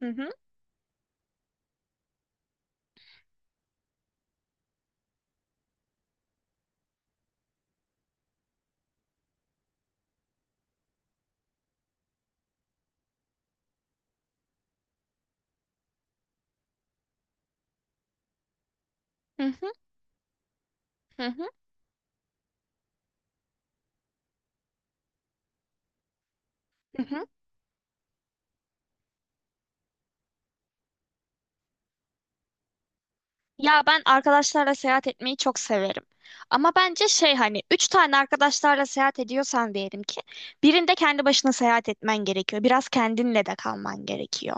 Hı hı, hı hı, hı hı, hı hı. Ya ben arkadaşlarla seyahat etmeyi çok severim. Ama bence şey hani üç tane arkadaşlarla seyahat ediyorsan diyelim ki birinde kendi başına seyahat etmen gerekiyor. Biraz kendinle de kalman gerekiyor.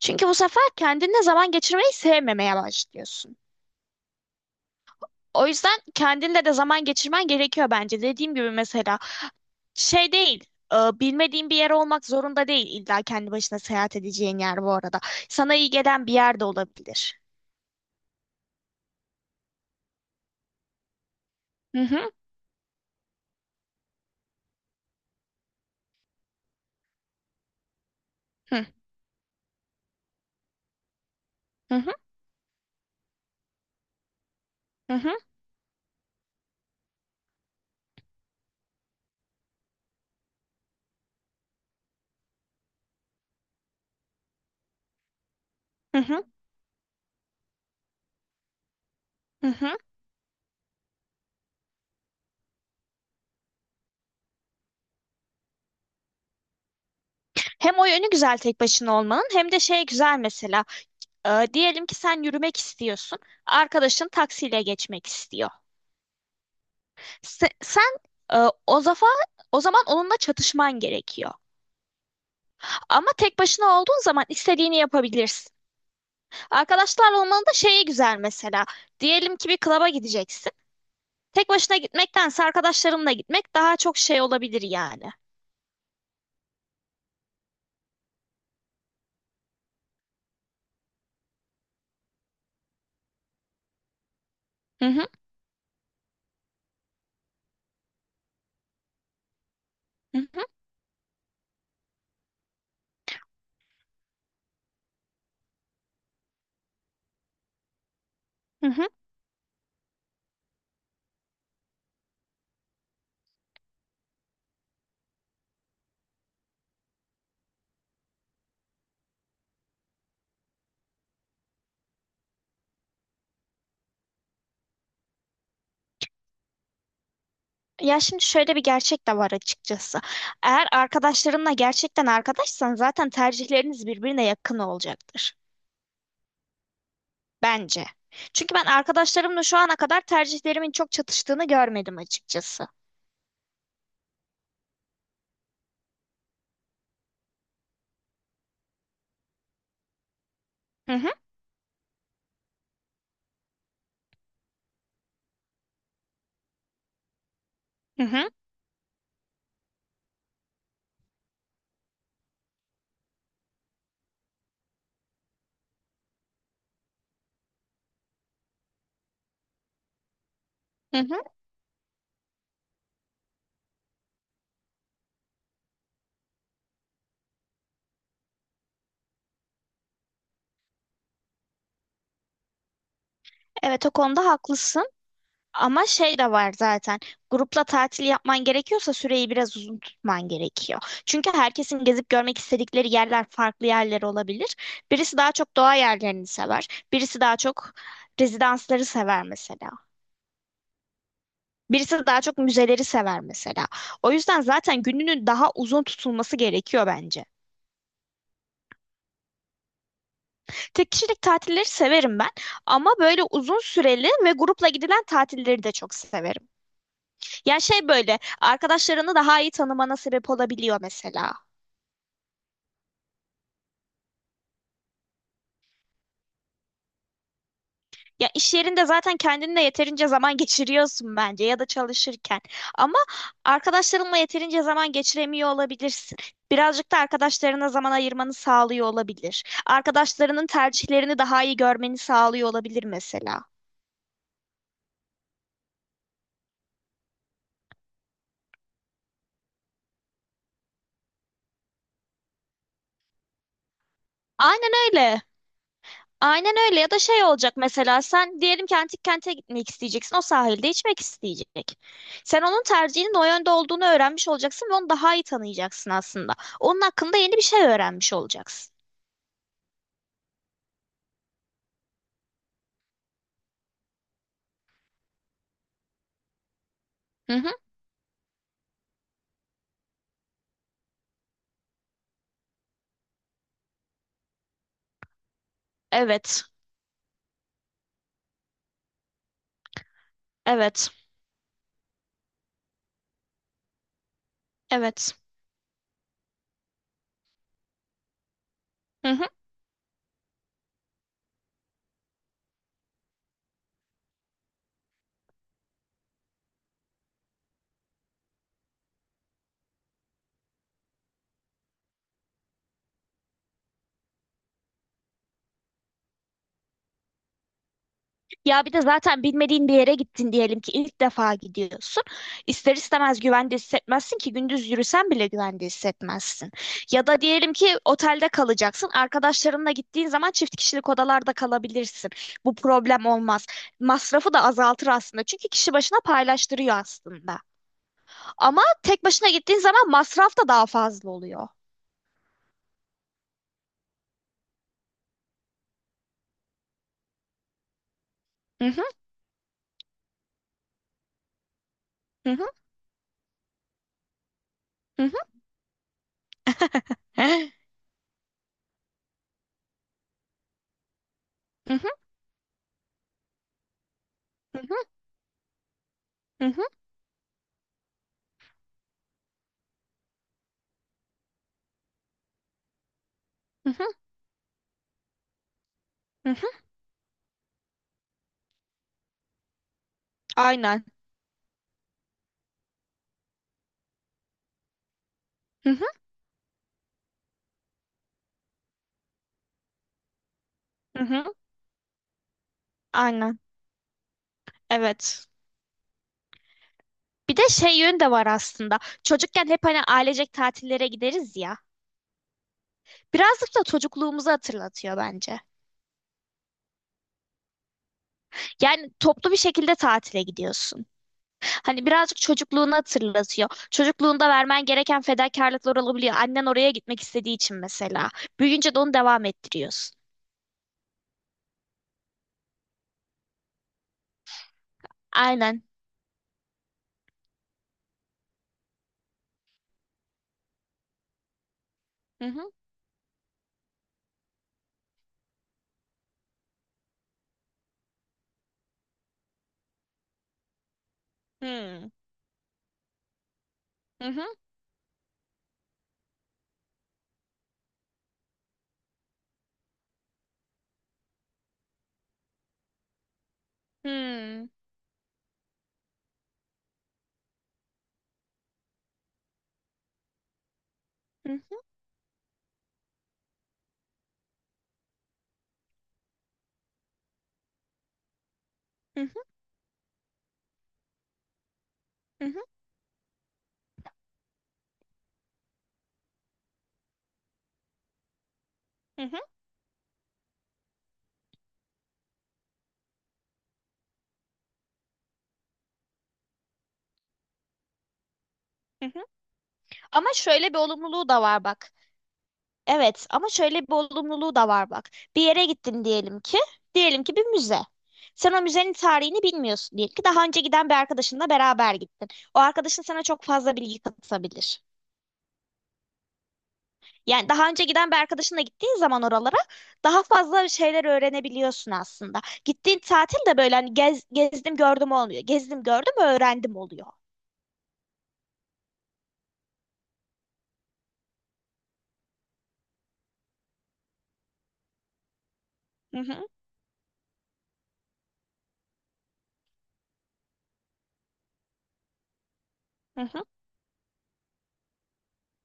Çünkü bu sefer kendinle zaman geçirmeyi sevmemeye başlıyorsun. O yüzden kendinle de zaman geçirmen gerekiyor bence. Dediğim gibi mesela şey değil. Bilmediğin bir yer olmak zorunda değil illa kendi başına seyahat edeceğin yer bu arada. Sana iyi gelen bir yer de olabilir. Hı hı. Hı. Hı. Hı hı, hı hı, hı hı. Hem o yönü güzel tek başına olmanın hem de şey güzel mesela. Diyelim ki sen yürümek istiyorsun. Arkadaşın taksiyle geçmek istiyor. Sen e, o zafa o zaman onunla çatışman gerekiyor. Ama tek başına olduğun zaman istediğini yapabilirsin. Arkadaşlarla olmanın da şeyi güzel mesela. Diyelim ki bir klaba gideceksin. Tek başına gitmektense arkadaşlarınla gitmek daha çok şey olabilir yani. Hı hı, hı hı, hı hı. Ya şimdi şöyle bir gerçek de var açıkçası. Eğer arkadaşlarınla gerçekten arkadaşsan zaten tercihleriniz birbirine yakın olacaktır. Bence. Çünkü ben arkadaşlarımla şu ana kadar tercihlerimin çok çatıştığını görmedim açıkçası. Hı hı, hı hı, hı hı. Evet, o konuda haklısın. Ama şey de var zaten. Grupla tatil yapman gerekiyorsa süreyi biraz uzun tutman gerekiyor. Çünkü herkesin gezip görmek istedikleri yerler farklı yerler olabilir. Birisi daha çok doğa yerlerini sever. Birisi daha çok rezidansları sever mesela. Birisi daha çok müzeleri sever mesela. O yüzden zaten gününün daha uzun tutulması gerekiyor bence. Tek kişilik tatilleri severim ben ama böyle uzun süreli ve grupla gidilen tatilleri de çok severim. Ya şey böyle arkadaşlarını daha iyi tanımana sebep olabiliyor mesela. Ya iş yerinde zaten kendinle yeterince zaman geçiriyorsun bence ya da çalışırken. Ama arkadaşlarınla yeterince zaman geçiremiyor olabilirsin. Birazcık da arkadaşlarına zaman ayırmanı sağlıyor olabilir. Arkadaşlarının tercihlerini daha iyi görmeni sağlıyor olabilir mesela. Aynen öyle. Aynen öyle ya da şey olacak mesela sen diyelim ki antik kente gitmek isteyeceksin, o sahilde içmek isteyecek. Sen onun tercihinin o yönde olduğunu öğrenmiş olacaksın ve onu daha iyi tanıyacaksın aslında. Onun hakkında yeni bir şey öğrenmiş olacaksın. Hı hı. Evet. Evet. Evet. Hı hı. Ya bir de zaten bilmediğin bir yere gittin diyelim ki ilk defa gidiyorsun. İster istemez güvende hissetmezsin ki gündüz yürüsen bile güvende hissetmezsin. Ya da diyelim ki otelde kalacaksın. Arkadaşlarınla gittiğin zaman çift kişilik odalarda kalabilirsin. Bu problem olmaz. Masrafı da azaltır aslında. Çünkü kişi başına paylaştırıyor aslında. Ama tek başına gittiğin zaman masraf da daha fazla oluyor. Hı hı, hı hı, hı hı. Hı hı, hı hı, hı hı, hı hı. Aynen. Hı hı, hı hı. Aynen. Evet. Bir de şey yönü de var aslında. Çocukken hep hani ailecek tatillere gideriz ya. Birazcık da çocukluğumuzu hatırlatıyor bence. Yani toplu bir şekilde tatile gidiyorsun. Hani birazcık çocukluğunu hatırlatıyor. Çocukluğunda vermen gereken fedakarlıklar olabiliyor. Annen oraya gitmek istediği için mesela. Büyüyünce de onu devam ettiriyorsun. Aynen. Hı hı. Hmm. Hı hı. Hmm. Hı hı. Hı hı. Hı hı. Hı hı. Hı hı. Ama şöyle bir olumluluğu da var bak. Evet, ama şöyle bir olumluluğu da var bak. Bir yere gittin diyelim ki, bir müze. Sen o müzenin tarihini bilmiyorsun diyelim ki, daha önce giden bir arkadaşınla beraber gittin. O arkadaşın sana çok fazla bilgi katabilir. Yani daha önce giden bir arkadaşınla gittiğin zaman oralara daha fazla şeyler öğrenebiliyorsun aslında. Gittiğin tatil de böyle hani gezdim gördüm olmuyor. Gezdim gördüm öğrendim oluyor. Hı hı, hı hı,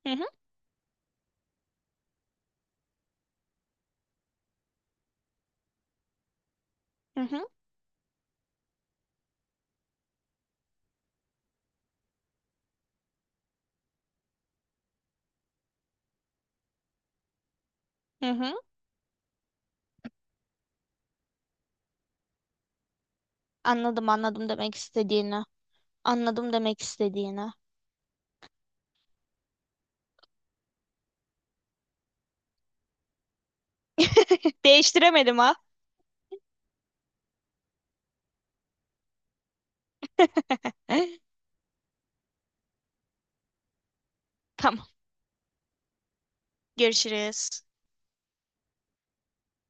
hı hı, hı hı, hı hı. Anladım, anladım demek istediğini. Anladım demek istediğini. Değiştiremedim ha. Tamam. Görüşürüz.